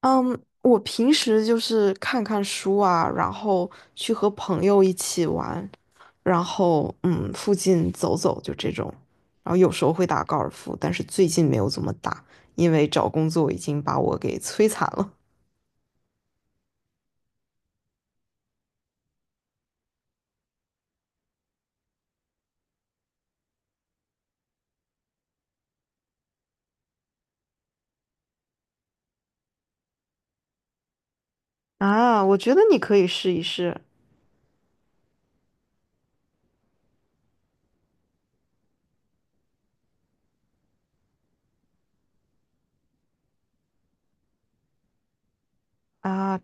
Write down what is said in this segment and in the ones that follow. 嗯，我平时就是看看书啊，然后去和朋友一起玩，然后附近走走就这种，然后有时候会打高尔夫，但是最近没有怎么打，因为找工作已经把我给摧残了。啊，我觉得你可以试一试啊，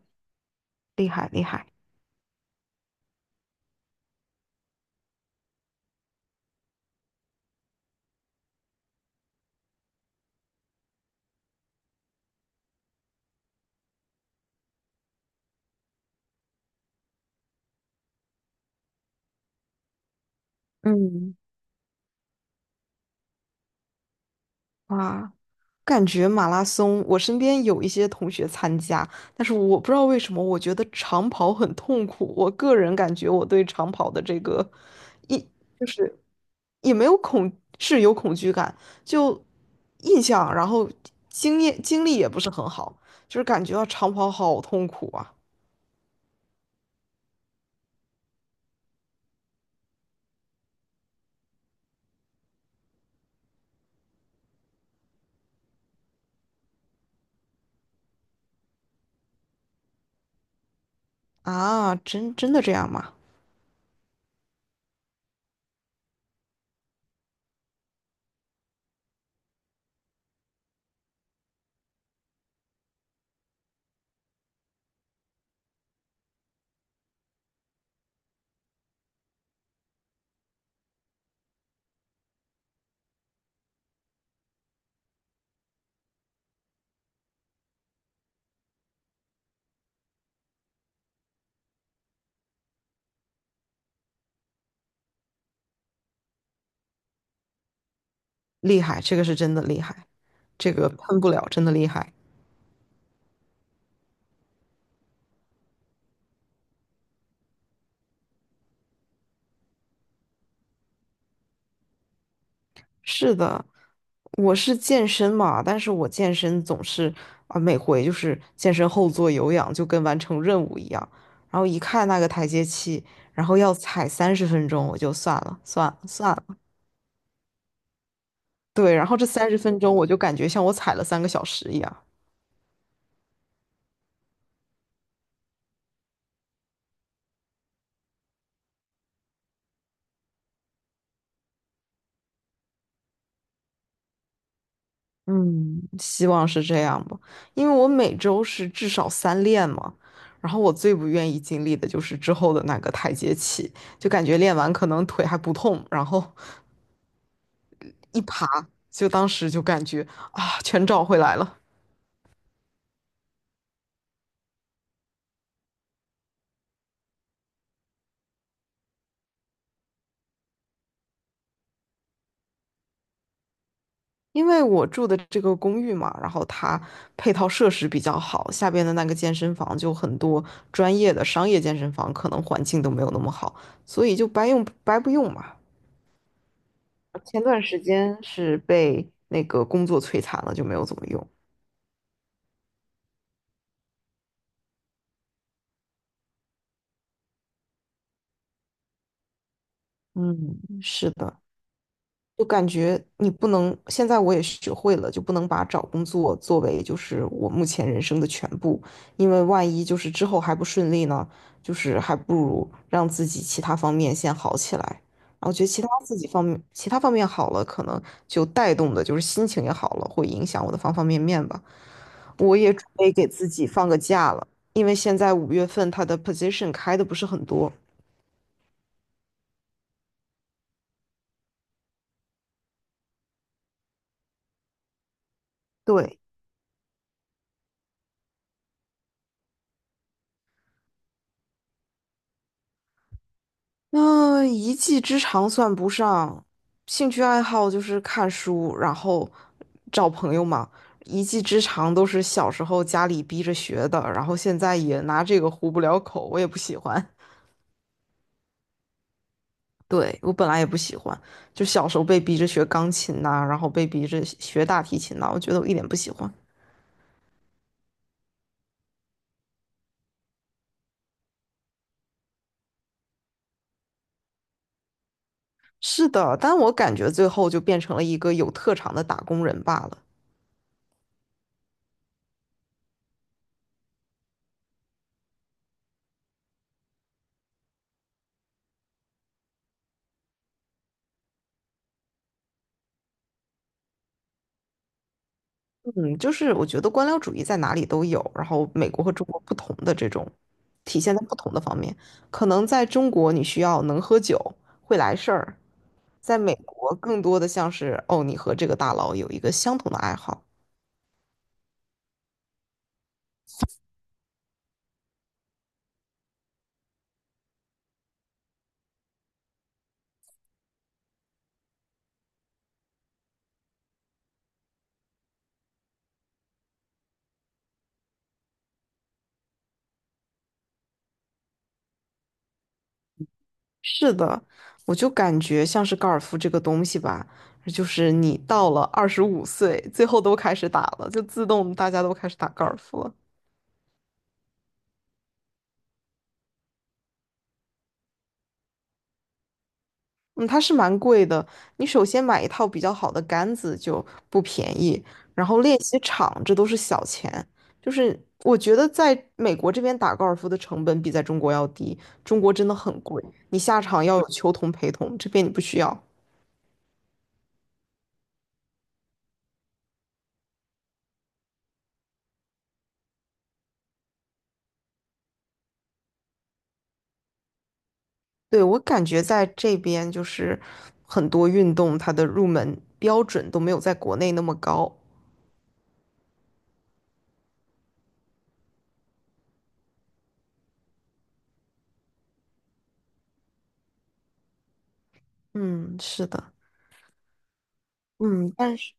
嗯。哇。感觉马拉松，我身边有一些同学参加，但是我不知道为什么，我觉得长跑很痛苦。我个人感觉我对长跑的这个一就是也没有恐，是有恐惧感，就印象，然后经验经历也不是很好，就是感觉到长跑好痛苦啊啊！真的这样吗？厉害，这个是真的厉害，这个喷不了，真的厉害。是的，我是健身嘛，但是我健身总是啊，每回就是健身后做有氧，就跟完成任务一样。然后一看那个台阶器，然后要踩三十分钟，我就算了，算了，算了。对，然后这三十分钟我就感觉像我踩了3个小时一样。嗯，希望是这样吧，因为我每周是至少三练嘛。然后我最不愿意经历的就是之后的那个台阶器，就感觉练完可能腿还不痛，然后一爬，就当时就感觉啊，全找回来了。因为我住的这个公寓嘛，然后它配套设施比较好，下边的那个健身房就很多专业的商业健身房，可能环境都没有那么好，所以就白用白不用嘛。前段时间是被那个工作摧残了，就没有怎么用。嗯，是的。就感觉你不能，现在我也学会了，就不能把找工作作为就是我目前人生的全部，因为万一就是之后还不顺利呢，就是还不如让自己其他方面先好起来。然后觉得其他自己方面，其他方面好了，可能就带动的就是心情也好了，会影响我的方方面面吧。我也准备给自己放个假了，因为现在5月份他的 position 开的不是很多。对，那一技之长算不上，兴趣爱好就是看书，然后找朋友嘛。一技之长都是小时候家里逼着学的，然后现在也拿这个糊不了口，我也不喜欢。对，我本来也不喜欢，就小时候被逼着学钢琴呐、然后被逼着学大提琴呐、我觉得我一点不喜欢。是的，但我感觉最后就变成了一个有特长的打工人罢了。嗯，就是我觉得官僚主义在哪里都有，然后美国和中国不同的这种体现在不同的方面。可能在中国你需要能喝酒，会来事儿，在美国更多的像是哦，你和这个大佬有一个相同的爱好。是的，我就感觉像是高尔夫这个东西吧，就是你到了25岁，最后都开始打了，就自动大家都开始打高尔夫了。嗯，它是蛮贵的。你首先买一套比较好的杆子就不便宜，然后练习场这都是小钱。就是我觉得在美国这边打高尔夫的成本比在中国要低，中国真的很贵，你下场要有球童陪同，这边你不需要。对，我感觉在这边就是很多运动它的入门标准都没有在国内那么高。嗯，是的，嗯，但是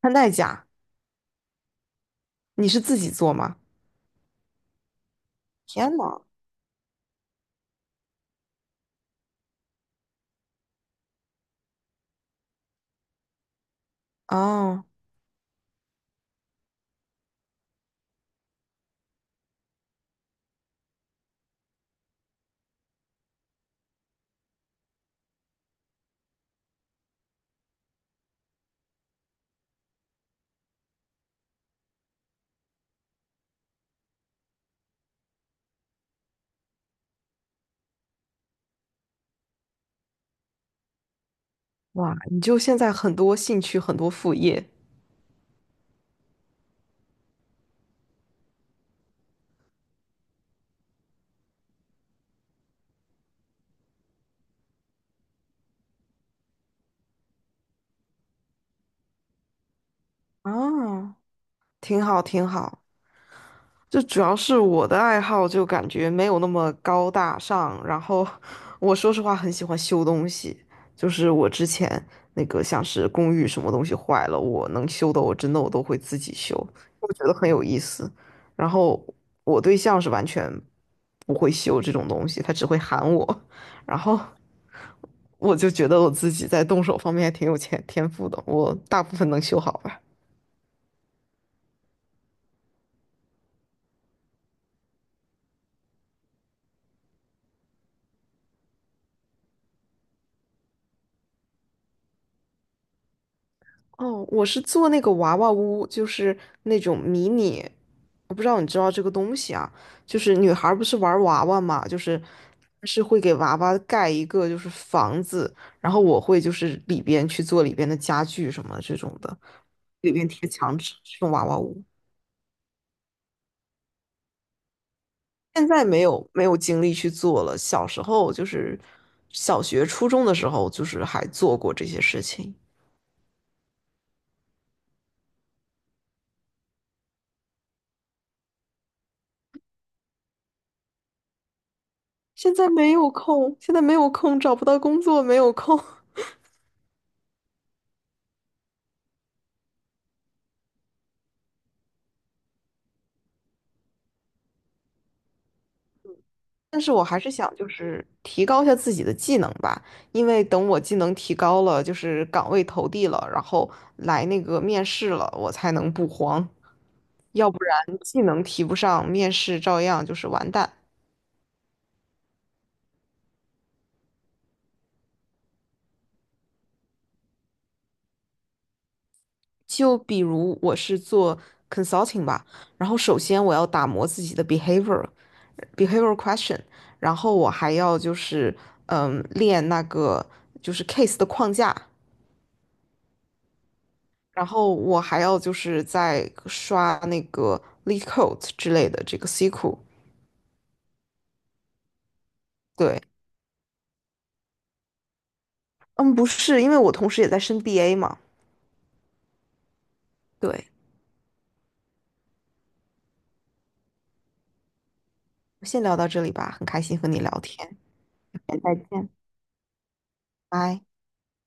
穿戴甲你是自己做吗？天呐，哦。哇，你就现在很多兴趣，很多副业啊，挺好，挺好。就主要是我的爱好就感觉没有那么高大上，然后我说实话很喜欢修东西，就是我之前那个像是公寓什么东西坏了，我能修的我真的我都会自己修，我觉得很有意思。然后我对象是完全不会修这种东西，他只会喊我，然后我就觉得我自己在动手方面还挺有天赋的，我大部分能修好吧。哦，我是做那个娃娃屋，就是那种迷你，我不知道你知道这个东西啊，就是女孩儿不是玩娃娃嘛，就是是会给娃娃盖一个就是房子，然后我会就是里边去做里边的家具什么这种的，里边贴墙纸这种娃娃屋，现在没有没有精力去做了，小时候就是小学初中的时候就是还做过这些事情，现在没有空，现在没有空，找不到工作，没有空。但是我还是想就是提高一下自己的技能吧，因为等我技能提高了，就是岗位投递了，然后来那个面试了，我才能不慌，要不然技能提不上，面试照样就是完蛋。就比如我是做 consulting 吧，然后首先我要打磨自己的 behavior question，然后我还要就是练那个就是 case 的框架，然后我还要就是在刷那个 LeetCode 之类的这个 C q L 对，嗯，不是，因为我同时也在升 BA 嘛。对，先聊到这里吧，很开心和你聊天，再见，拜。